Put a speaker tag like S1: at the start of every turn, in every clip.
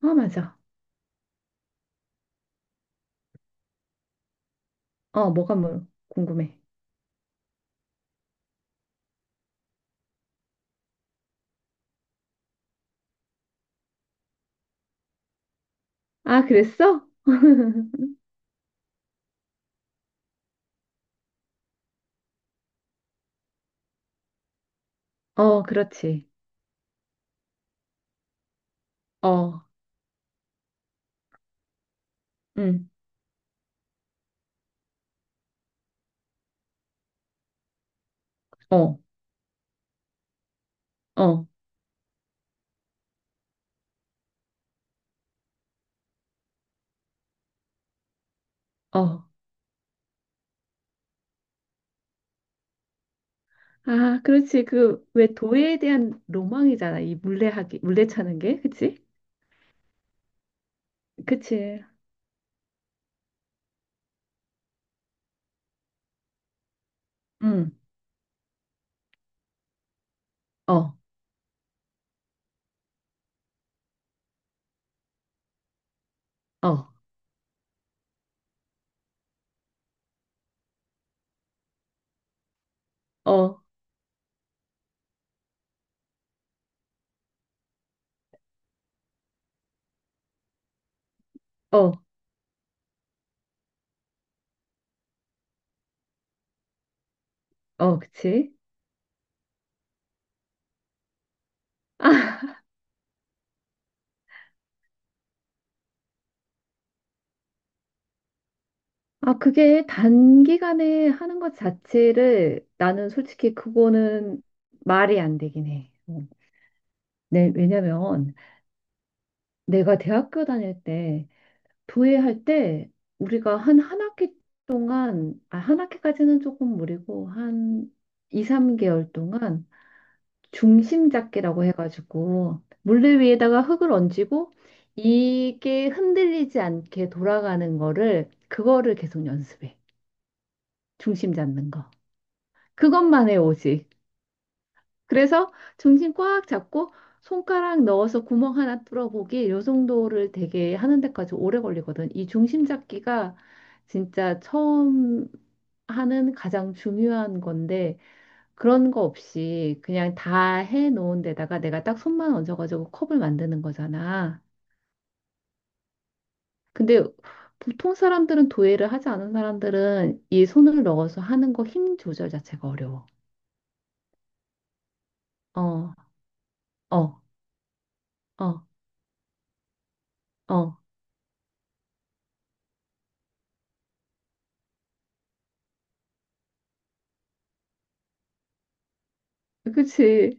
S1: 아, 맞아. 어, 뭐가 뭘 궁금해? 아, 그랬어? 어, 그렇지. 어, 응, 어, 어, 어. 아, 그렇지. 그, 왜 도예에 대한 로망이잖아. 이 물레하기, 물레 차는 게. 그치? 그치. 응, 어, 어, 어, 어, 어, 그치? 아, 아, 그게 단기간에 하는 것 자체를 나는 솔직히 그거는 말이 안 되긴 해. 어. 네, 왜냐면 내가 대학교 다닐 때 도예할 때 우리가 한 한 학기 동안, 아, 한 학기까지는 조금 무리고, 한 2, 3개월 동안 중심 잡기라고 해가지고, 물레 위에다가 흙을 얹고, 이게 흔들리지 않게 돌아가는 거를, 그거를 계속 연습해. 중심 잡는 거. 그것만 해, 오직. 그래서 정신 꽉 잡고 손가락 넣어서 구멍 하나 뚫어보기 요 정도를 되게 하는 데까지 오래 걸리거든. 이 중심 잡기가 진짜 처음 하는 가장 중요한 건데 그런 거 없이 그냥 다 해놓은 데다가 내가 딱 손만 얹어가지고 컵을 만드는 거잖아. 근데 보통 사람들은 도예를 하지 않은 사람들은 이 손을 넣어서 하는 거 힘 조절 자체가 어려워. 어, 어, 어, 어. 그치?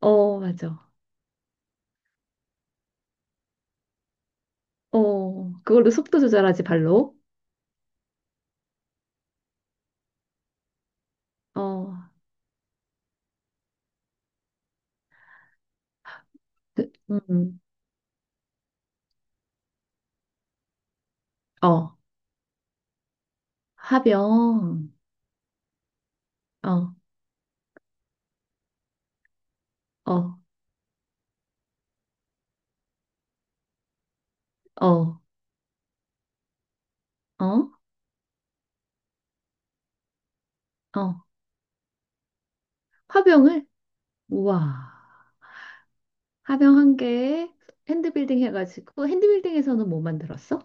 S1: 어, 맞아. 어, 그걸로 속도 조절하지, 발로. 어, 그, 어, 화병. 어, 어, 어, 어, 어. 화병을? 우와. 화병 한 개에 핸드빌딩 해가지고, 핸드빌딩에서는 뭐 만들었어?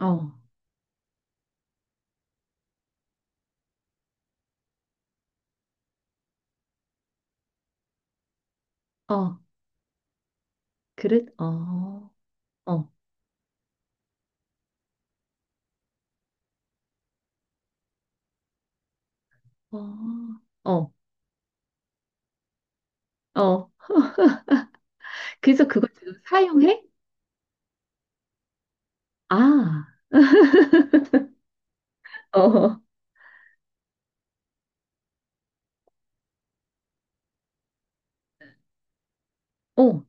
S1: 어, 어, 그릇? 어, 어, 어, 어, 어. 그래서 그걸 지금 사용해? 아, 어, 어,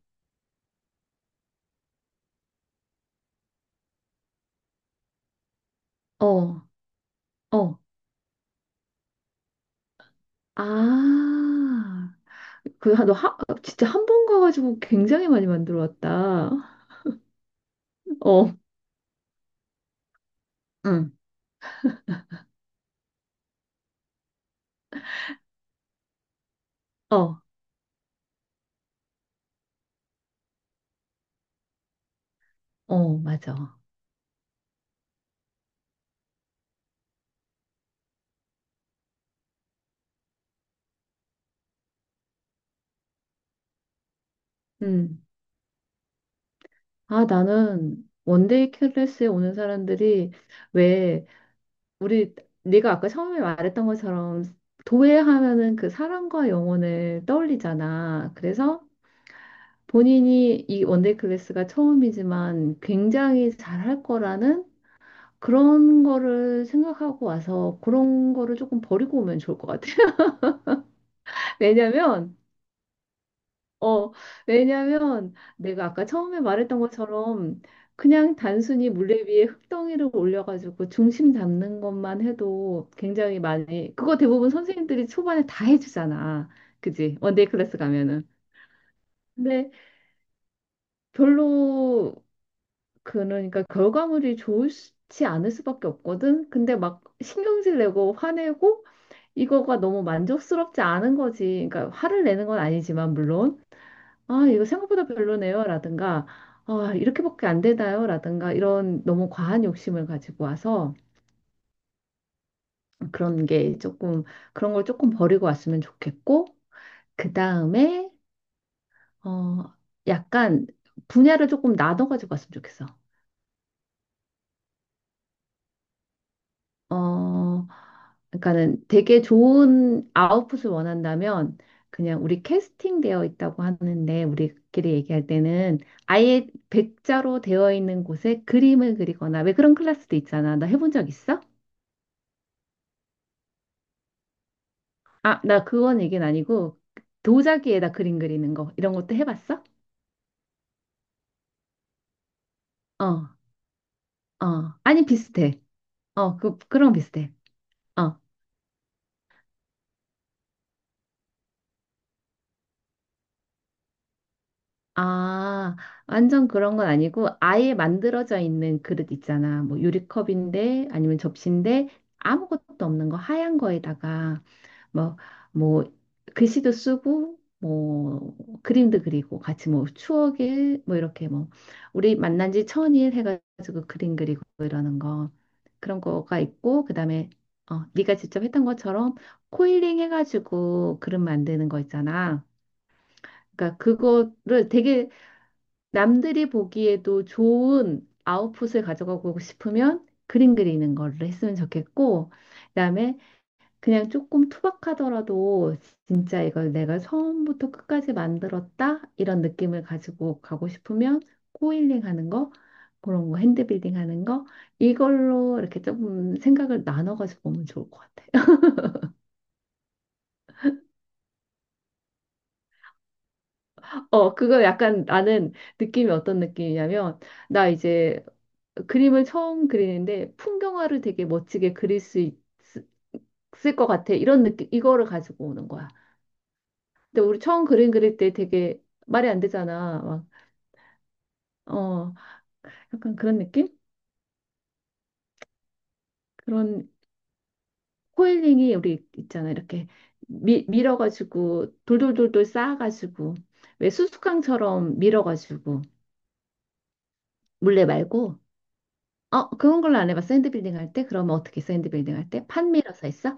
S1: 어, 어. 아, 그, 너 진짜 한 번 가가지고 굉장히 많이 만들어 왔다. 어, 응. 어, 어, 맞아. 음. 아, 나는 원데이 클래스에 오는 사람들이 왜 우리 네가 아까 처음에 말했던 것처럼 도예하면은 그 사랑과 영혼을 떠올리잖아. 그래서 본인이 이 원데이 클래스가 처음이지만 굉장히 잘할 거라는 그런 거를 생각하고 와서 그런 거를 조금 버리고 오면 좋을 것 같아. 왜냐면 어, 왜냐면 내가 아까 처음에 말했던 것처럼 그냥 단순히 물레 위에 흙덩이를 올려가지고 중심 잡는 것만 해도 굉장히 많이, 그거 대부분 선생님들이 초반에 다 해주잖아. 그지? 원데이 클래스 가면은. 근데 별로, 그러니까 결과물이 좋지 않을 수밖에 없거든? 근데 막 신경질 내고 화내고 이거가 너무 만족스럽지 않은 거지. 그러니까 화를 내는 건 아니지만, 물론. 아, 이거 생각보다 별로네요, 라든가, 아, 이렇게밖에 안 되나요, 라든가, 이런 너무 과한 욕심을 가지고 와서 그런 게 조금, 그런 걸 조금 버리고 왔으면 좋겠고, 그 다음에, 어, 약간 분야를 조금 나눠가지고 왔으면 좋겠어. 어, 그러니까는 되게 좋은 아웃풋을 원한다면 그냥 우리 캐스팅되어 있다고 하는데 우리끼리 얘기할 때는 아예 백자로 되어 있는 곳에 그림을 그리거나 왜 그런 클래스도 있잖아. 나 해본 적 있어? 아, 나 그건 얘기는 아니고 도자기에다 그림 그리는 거 이런 것도 해봤어? 어, 어. 아니 비슷해. 어, 그 그런 거 비슷해. 어. 아, 완전 그런 건 아니고 아예 만들어져 있는 그릇 있잖아. 뭐 유리컵인데 아니면 접시인데 아무것도 없는 거 하얀 거에다가 뭐, 뭐 글씨도 쓰고 뭐 그림도 그리고 같이 뭐 추억일 뭐 이렇게 뭐 우리 만난 지 1000일 해가지고 그림 그리고 이러는 거 그런 거가 있고 그다음에 어, 네가 직접 했던 것처럼 코일링 해가지고 그릇 만드는 거 있잖아. 그러니까 그거를 되게 남들이 보기에도 좋은 아웃풋을 가져가고 싶으면 그림 그리는 걸 했으면 좋겠고, 그다음에 그냥 조금 투박하더라도 진짜 이걸 내가 처음부터 끝까지 만들었다 이런 느낌을 가지고 가고 싶으면 코일링 하는 거, 그런 거 핸드빌딩 하는 거 이걸로 이렇게 조금 생각을 나눠가지고 보면 좋을 것 같아요. 어, 그거 약간 나는 느낌이 어떤 느낌이냐면 나 이제 그림을 처음 그리는데 풍경화를 되게 멋지게 그릴 수 을것 같아. 이런 느낌, 이거를 가지고 오는 거야. 근데 우리 처음 그림 그릴 때 되게 말이 안 되잖아. 막, 어, 약간 그런 느낌? 그런 코일링이 우리 있잖아. 이렇게 밀어가지고 돌돌돌돌 쌓아가지고 왜 수수깡처럼 밀어가지고 물레 말고 어, 그런 걸로 안 해봐. 샌드빌딩 할 때? 그러면 어떻게 샌드빌딩 할 때? 판 밀어서 했어?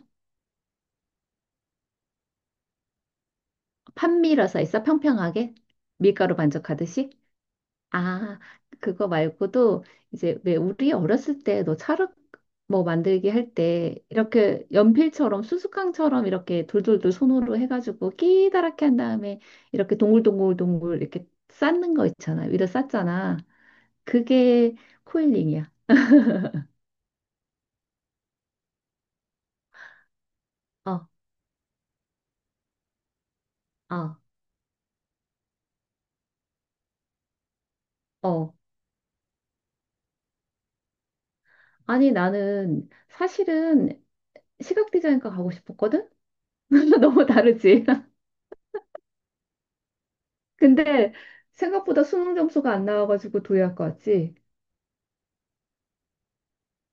S1: 판 밀어서 했어? 평평하게? 밀가루 반죽하듯이? 아, 그거 말고도 이제 왜 우리 어렸을 때 너 찰흙 뭐 만들기 할 때 이렇게 연필처럼 수수깡처럼 이렇게 돌돌돌 손으로 해가지고 끼다랗게 한 다음에 이렇게 동글동글동글 이렇게 쌓는 거 있잖아. 위로 쌓잖아. 그게 코일링이야. 어, 아, 어. 아니 나는 사실은 시각 디자인과 가고 싶었거든? 너무 다르지? 근데 생각보다 수능 점수가 안 나와가지고 도예학과 왔지.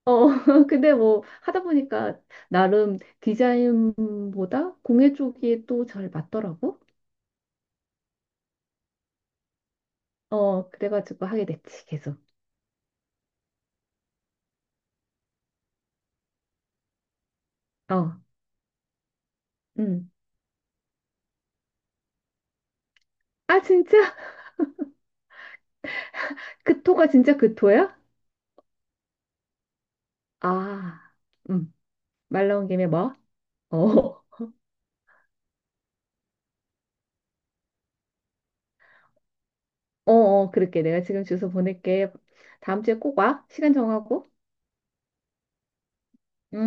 S1: 어, 근데 뭐 하다 보니까 나름 디자인보다 공예 쪽이 또 잘 맞더라고. 어, 그래가지고 하게 됐지, 계속. 어, 음. 아, 진짜? 그 토가 진짜 그 토야? 아, 음. 말 나온 김에 뭐? 어, 어, 어, 그럴게. 내가 지금 주소 보낼게. 다음 주에 꼭 와. 시간 정하고. 음.